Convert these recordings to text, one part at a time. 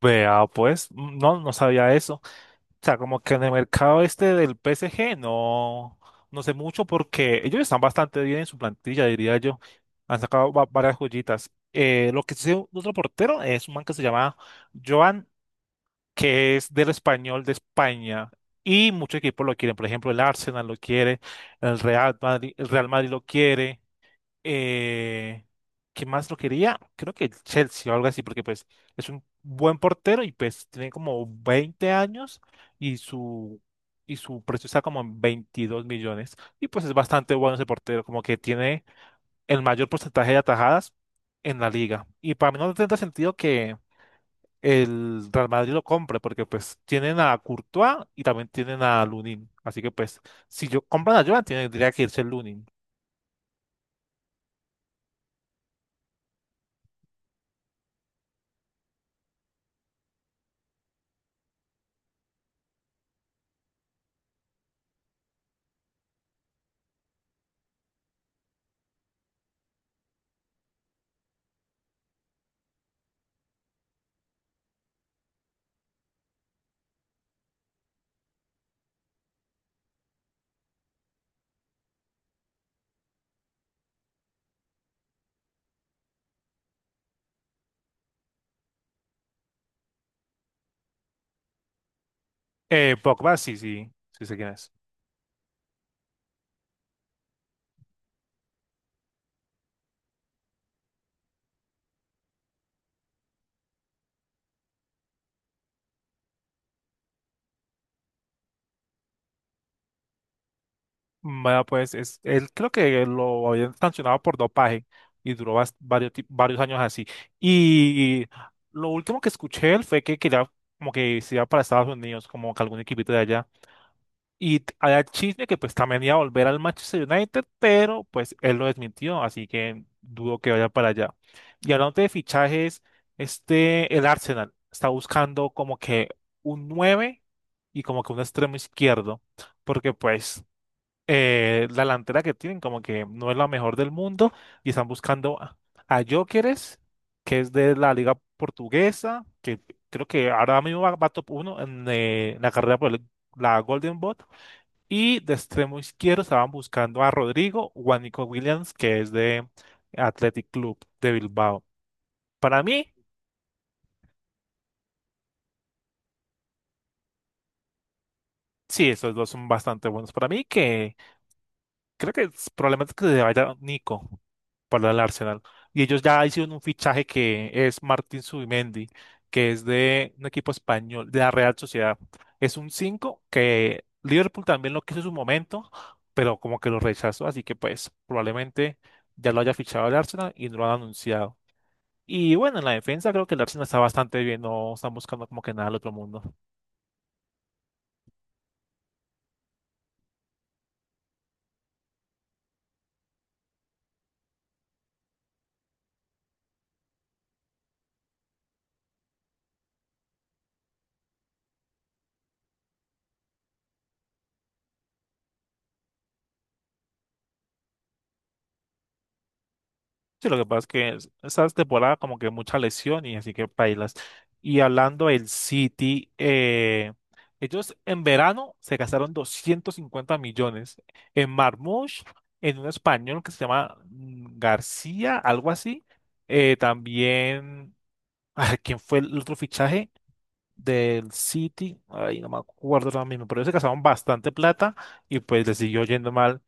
Vea, pues, no, sabía eso. O sea, como que en el mercado este del PSG no sé mucho porque ellos están bastante bien en su plantilla, diría yo. Han sacado varias joyitas. Lo que sí, otro portero es un man que se llama Joan, que es del Español de España. Y muchos equipos lo quieren. Por ejemplo, el Arsenal lo quiere, el Real Madrid lo quiere. Eh, ¿Qué más lo quería? Creo que el Chelsea o algo así, porque pues es un buen portero y pues tiene como 20 años y su, y su precio está como en 22 millones. Y pues es bastante bueno ese portero, como que tiene el mayor porcentaje de atajadas en la liga. Y para mí no tendrá sentido que el Real Madrid lo compre, porque pues tienen a Courtois y también tienen a Lunin. Así que pues si yo compran a Joan, tendría que irse el Lunin. Pogba, sí, sí, sí sé quién es. Vaya, pues es, él creo que lo habían sancionado por dopaje y duró varios años así. Y lo último que escuché de él fue que quería como que se iba para Estados Unidos, como que algún equipito de allá. Y había chisme que pues también iba a volver al Manchester United, pero pues él lo desmintió, así que dudo que vaya para allá. Y hablando de fichajes, este, el Arsenal está buscando como que un 9 y como que un extremo izquierdo, porque pues la delantera que tienen como que no es la mejor del mundo y están a Gyökeres, que es de la liga portuguesa, que creo que ahora mismo va top uno en, la carrera por la Golden Boot. Y de extremo izquierdo estaban buscando a Rodrigo o a Nico Williams, que es de Athletic Club de Bilbao. Para mí, sí, esos dos son bastante buenos. Para mí que creo que probablemente que se vaya Nico para el Arsenal. Y ellos ya hicieron un fichaje que es Martín Zubimendi, que es de un equipo español, de la Real Sociedad. Es un 5 que Liverpool también lo quiso en su momento, pero como que lo rechazó. Así que pues probablemente ya lo haya fichado el Arsenal y no lo han anunciado. Y bueno, en la defensa creo que el Arsenal está bastante bien, no están buscando como que nada al otro mundo. Sí, lo que pasa es que esta temporada como que mucha lesión y así que bailas. Y hablando del City, ellos en verano se gastaron 250 millones en Marmoush, en un español que se llama García, algo así. También, ay, ¿quién fue el otro fichaje del City? Ay, no me acuerdo ahora mismo, pero ellos se gastaron bastante plata y pues les siguió yendo mal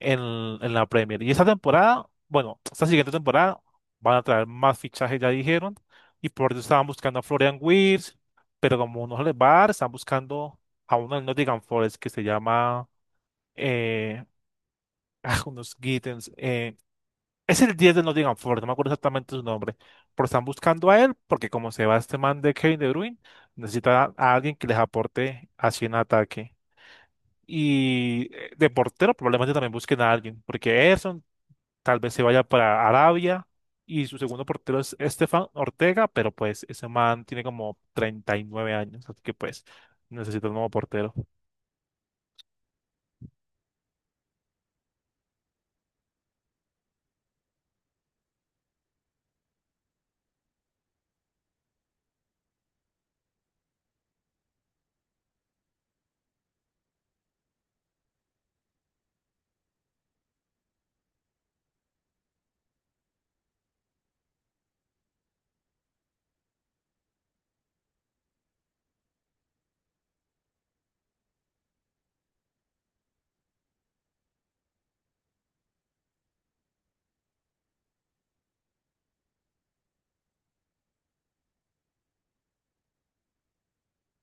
en la Premier. Y esta temporada, bueno, esta siguiente temporada van a traer más fichajes, ya dijeron, y por eso estaban buscando a Florian Wirtz, pero como no se les va a dar, están buscando a uno del Nottingham Forest que se llama, eh, ah, unos Gittens, es el 10 del Nottingham Forest, no me acuerdo exactamente su nombre, pero están buscando a él porque como se va este man de Kevin De Bruyne, necesita a alguien que les aporte así en ataque. Y de portero probablemente también busquen a alguien, porque Ederson tal vez se vaya para Arabia. Y su segundo portero es Estefan Ortega, pero pues ese man tiene como 39 años, así que pues necesita un nuevo portero.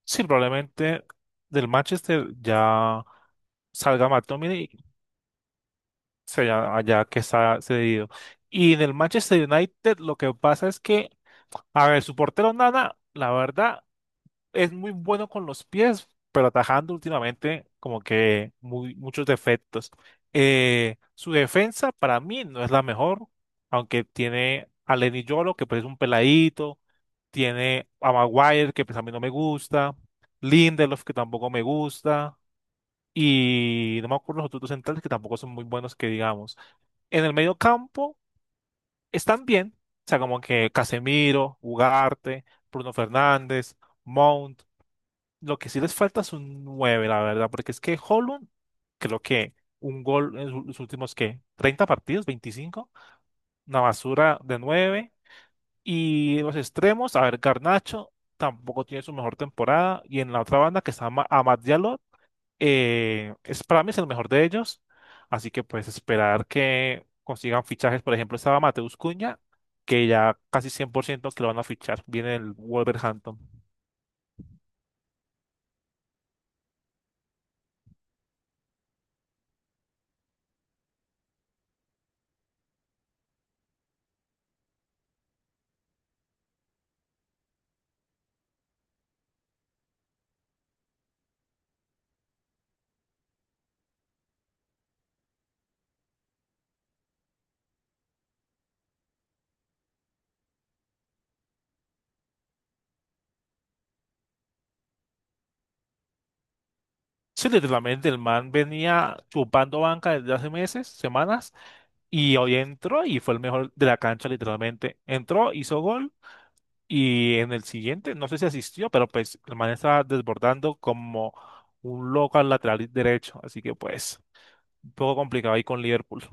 Sí, probablemente del Manchester ya salga McTominay, sea allá que está cedido. Y en el Manchester United lo que pasa es que, a ver, su portero Nana, la verdad, es muy bueno con los pies, pero atajando últimamente como que muchos defectos. Su defensa para mí no es la mejor, aunque tiene a Lenny Yolo, que pues es un peladito, tiene a Maguire, que pues a mí no me gusta, Lindelof, que tampoco me gusta, y no me acuerdo los otros dos centrales, que tampoco son muy buenos, que digamos. En el medio campo están bien, o sea, como que Casemiro, Ugarte, Bruno Fernández, Mount. Lo que sí les falta es un 9 la verdad, porque es que Holland, creo que un gol en los últimos, ¿qué? ¿30 partidos? 25. Una basura de nueve. Y los extremos, a ver, Garnacho tampoco tiene su mejor temporada. Y en la otra banda que está Amad Diallo, es para mí es el mejor de ellos. Así que pues esperar que consigan fichajes. Por ejemplo, estaba Mateus Cunha, que ya casi 100% que lo van a fichar. Viene el Wolverhampton. Sí, literalmente el man venía chupando banca desde hace meses, semanas, y hoy entró y fue el mejor de la cancha, literalmente. Entró, hizo gol y en el siguiente, no sé si asistió, pero pues el man estaba desbordando como un loco al lateral derecho, así que pues un poco complicado ahí con Liverpool.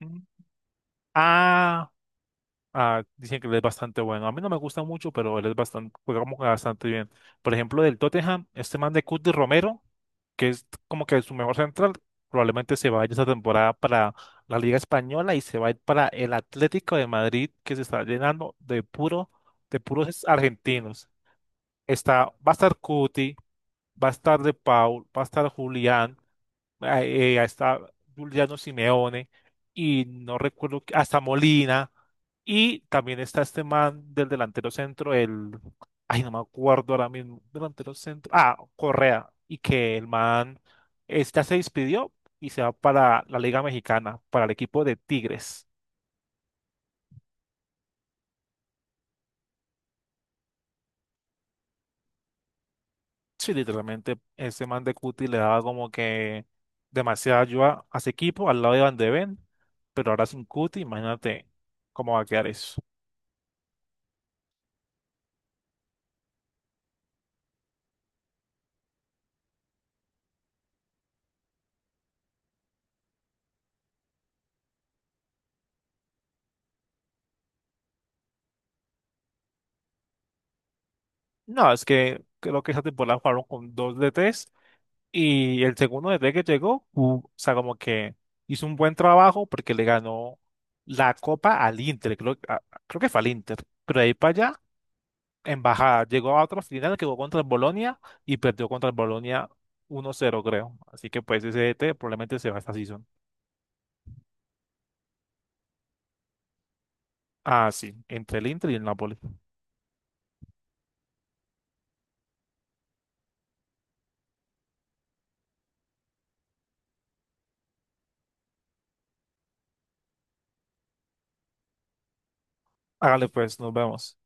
Mm. Ah. Ah, dicen que él es bastante bueno. A mí no me gusta mucho, pero él es bastante, juega bastante bien. Por ejemplo, del Tottenham, este man de Cuti Romero, que es como que su mejor central, probablemente se vaya esta temporada para la Liga Española y se va a ir para el Atlético de Madrid, que se está llenando de puro, de puros argentinos. Está, va a estar Cuti, va a estar De Paul, va a estar Julián hasta Juliano Simeone y no recuerdo, hasta Molina y también está este man del delantero centro, el, ay, no me acuerdo ahora mismo, delantero centro, ah, Correa, y que el man está se despidió y se va para la Liga Mexicana, para el equipo de Tigres. Sí, literalmente ese man de Cuti le daba como que demasiada ayuda a ese equipo al lado de Van de Ven, pero ahora sin Cuti, imagínate cómo va a quedar eso. No, es que creo que esa temporada jugaron con dos DTs y el segundo DT que llegó, o sea, como que hizo un buen trabajo porque le ganó la copa al Inter, creo, creo que fue al Inter, pero de ahí para allá, en bajada, llegó a otra final que jugó contra el Bolonia y perdió contra el Bolonia 1-0, creo. Así que pues ese DT probablemente se va esta season. Ah, sí, entre el Inter y el Napoli. Hágale pues, nos vemos.